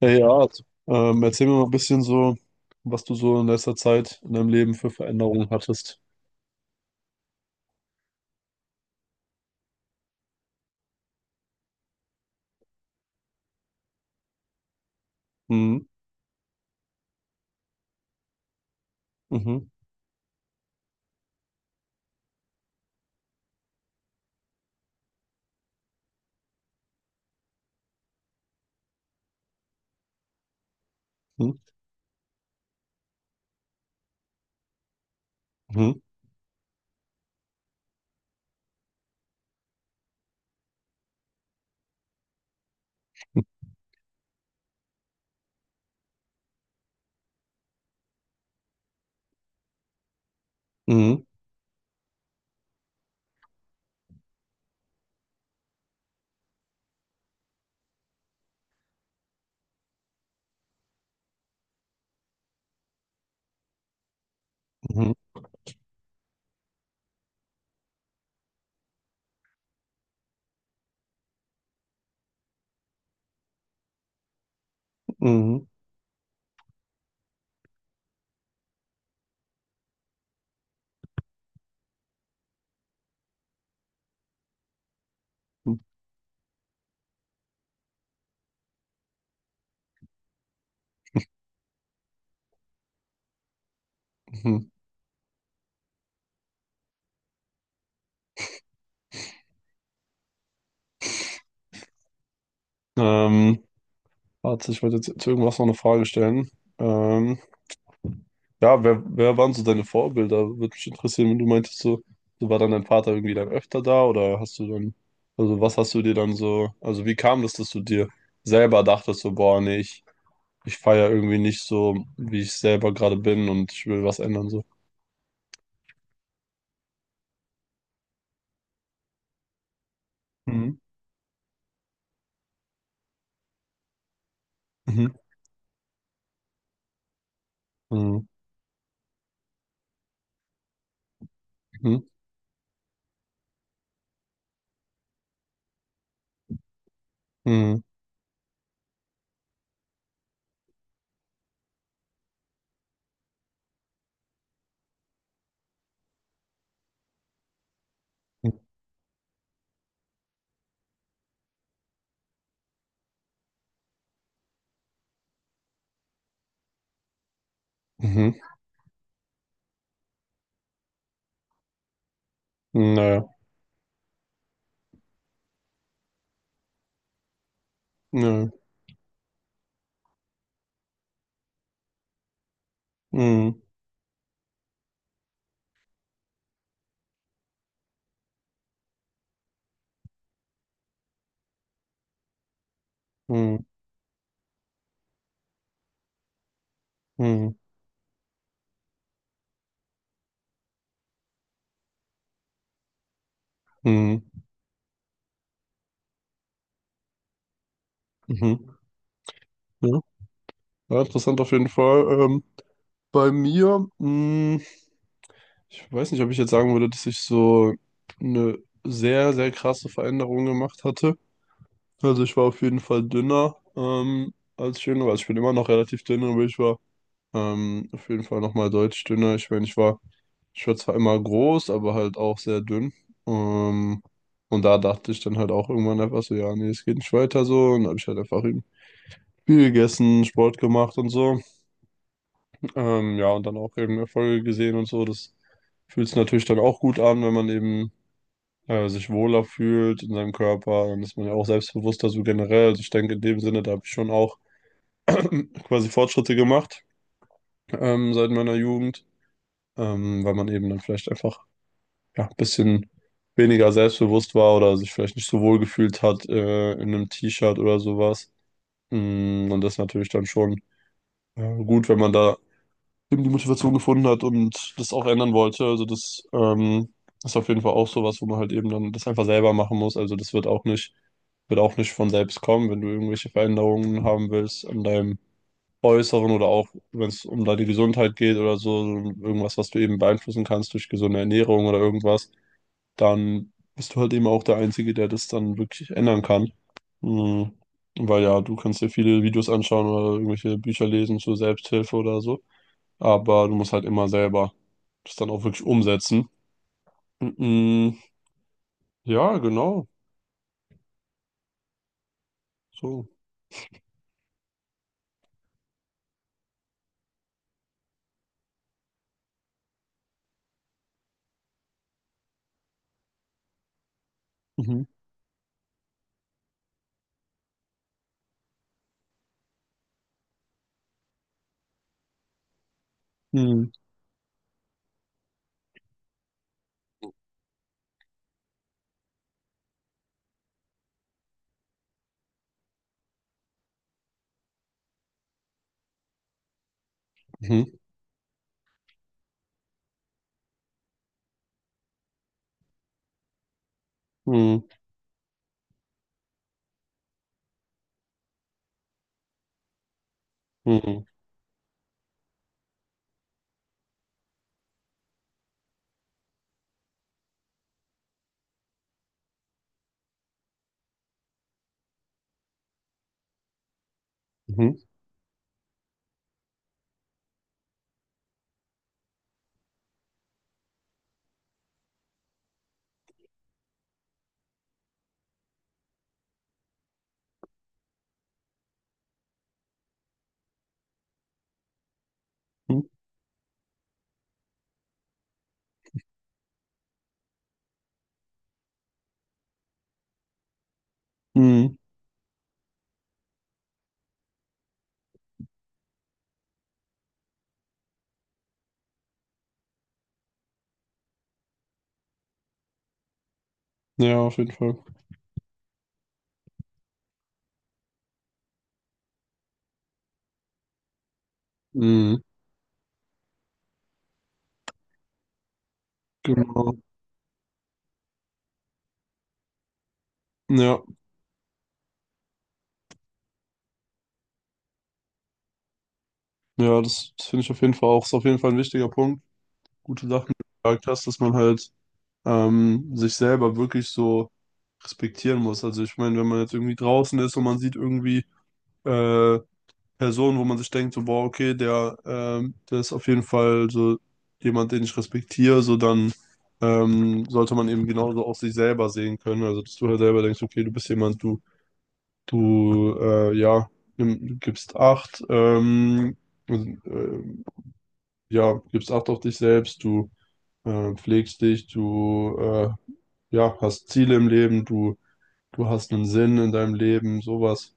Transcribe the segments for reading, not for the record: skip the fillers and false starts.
Hey Art, erzähl mir mal ein bisschen so, was du so in letzter Zeit in deinem Leben für Veränderungen hattest. Mhm, mhm, mhm, mhm, mhm, mhm, mhm, mhm. Ähm, Warte, ich wollte jetzt zu irgendwas noch eine Frage stellen. Ähm, ja, wer waren so deine Vorbilder? Würde mich interessieren, wenn du meintest, so war dann dein Vater irgendwie dann öfter da oder hast du dann, also was hast du dir dann so, also wie kam das, dass du dir selber dachtest, so, boah, nee, ich feiere irgendwie nicht so, wie ich selber gerade bin und ich will was ändern, so. Mhm. Mhm. Mhm. Mhm. Mhm. Mhm. Naja. Nö. Mhm. Mhm. Mhm. Mhm. Mhm. Ja. Ja, interessant auf jeden Fall. Bei mir, ich weiß nicht, ob ich jetzt sagen würde, dass ich so eine sehr, sehr krasse Veränderung gemacht hatte. Also ich war auf jeden Fall dünner, als ich jünger war. Also ich bin immer noch relativ dünn, aber ich war auf jeden Fall nochmal deutlich dünner. Ich meine, ich war zwar immer groß, aber halt auch sehr dünn. Ähm, und da dachte ich dann halt auch irgendwann einfach so, ja, nee, es geht nicht weiter so. Und dann habe ich halt einfach eben viel gegessen, Sport gemacht und so. Ja, und dann auch eben Erfolge gesehen und so. Das fühlt sich natürlich dann auch gut an, wenn man eben sich wohler fühlt in seinem Körper. Dann ist man ja auch selbstbewusster so generell. Also ich denke, in dem Sinne, da habe ich schon auch quasi Fortschritte gemacht, seit meiner Jugend. Weil man eben dann vielleicht einfach ja, ein bisschen weniger selbstbewusst war oder sich vielleicht nicht so wohl gefühlt hat, in einem T-Shirt oder sowas. Und das ist natürlich dann schon gut, wenn man da eben die Motivation gefunden hat und das auch ändern wollte. Also das ist auf jeden Fall auch sowas, wo man halt eben dann das einfach selber machen muss. Also das wird auch nicht von selbst kommen, wenn du irgendwelche Veränderungen haben willst an deinem Äußeren oder auch, wenn es um da die Gesundheit geht oder so, irgendwas, was du eben beeinflussen kannst durch gesunde Ernährung oder irgendwas, dann bist du halt eben auch der Einzige, der das dann wirklich ändern kann. Mhm. Weil ja, du kannst dir viele Videos anschauen oder irgendwelche Bücher lesen zur Selbsthilfe oder so, aber du musst halt immer selber das dann auch wirklich umsetzen. Mhm. Ja, genau. So. Mhm. Mhm. Mhm. Mhm. Mhm. Mhm. Mhm. Mhm. Ja, auf jeden Fall. Mhm. Genau. Ja. Ja, das finde ich auf jeden Fall auch, ist auf jeden Fall ein wichtiger Punkt. Gute Sachen, die du gesagt hast, dass man halt sich selber wirklich so respektieren muss. Also ich meine, wenn man jetzt irgendwie draußen ist und man sieht irgendwie äh, Personen, wo man sich denkt, so, boah, okay, der ist auf jeden Fall so jemand, den ich respektiere, so dann sollte man eben genauso auch sich selber sehen können. Also dass du halt selber denkst, okay, du bist jemand, du, ja, nimm, gibst Acht, ähm, äh, ja, gibst Acht auf dich selbst, du pflegst dich, du ja, hast Ziele im Leben, du hast einen Sinn in deinem Leben, sowas.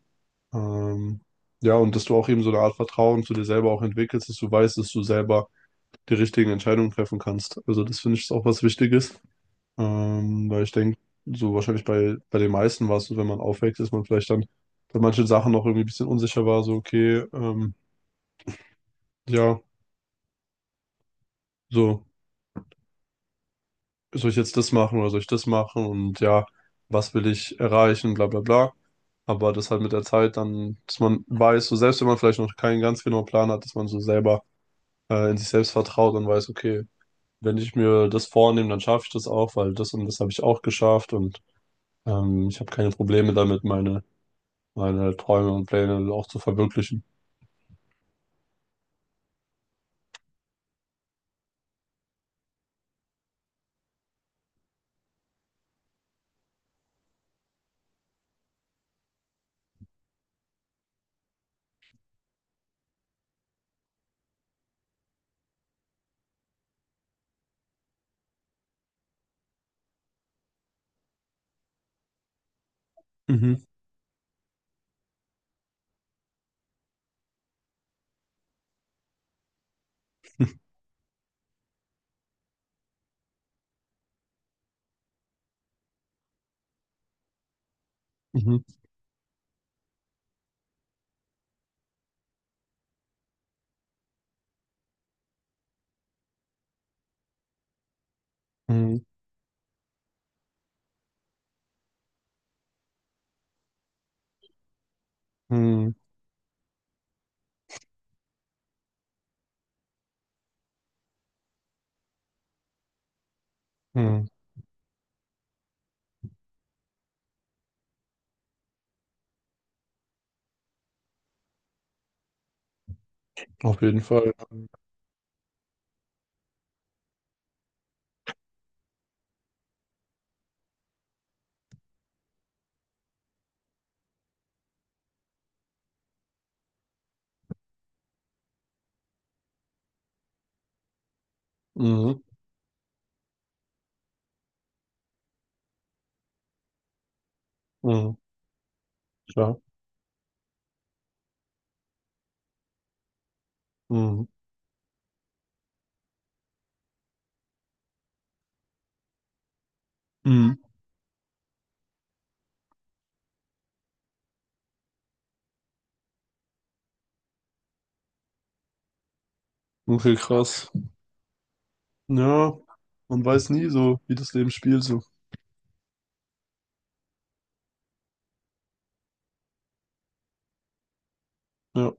Ähm, ja, und dass du auch eben so eine Art Vertrauen zu dir selber auch entwickelst, dass du weißt, dass du selber die richtigen Entscheidungen treffen kannst. Also das finde ich ist auch was Wichtiges, weil ich denke, so wahrscheinlich bei den meisten war es so, wenn man aufwächst, ist man vielleicht dann bei manchen Sachen noch irgendwie ein bisschen unsicher war, so okay, ja, so, soll ich jetzt das machen oder soll ich das machen und ja, was will ich erreichen, bla bla bla. Aber das halt mit der Zeit dann, dass man weiß, so selbst wenn man vielleicht noch keinen ganz genauen Plan hat, dass man so selber in sich selbst vertraut und weiß, okay, wenn ich mir das vornehme, dann schaffe ich das auch, weil das und das habe ich auch geschafft und ich habe keine Probleme damit, meine Träume und Pläne auch zu verwirklichen. Mhm, mhm, mhm, mhm, mhm. Auf jeden Fall. Mhm, mhm, ja. Mhm, mhm. Okay, krass. Ja, man weiß nie so, wie das Leben spielt, so. Ja.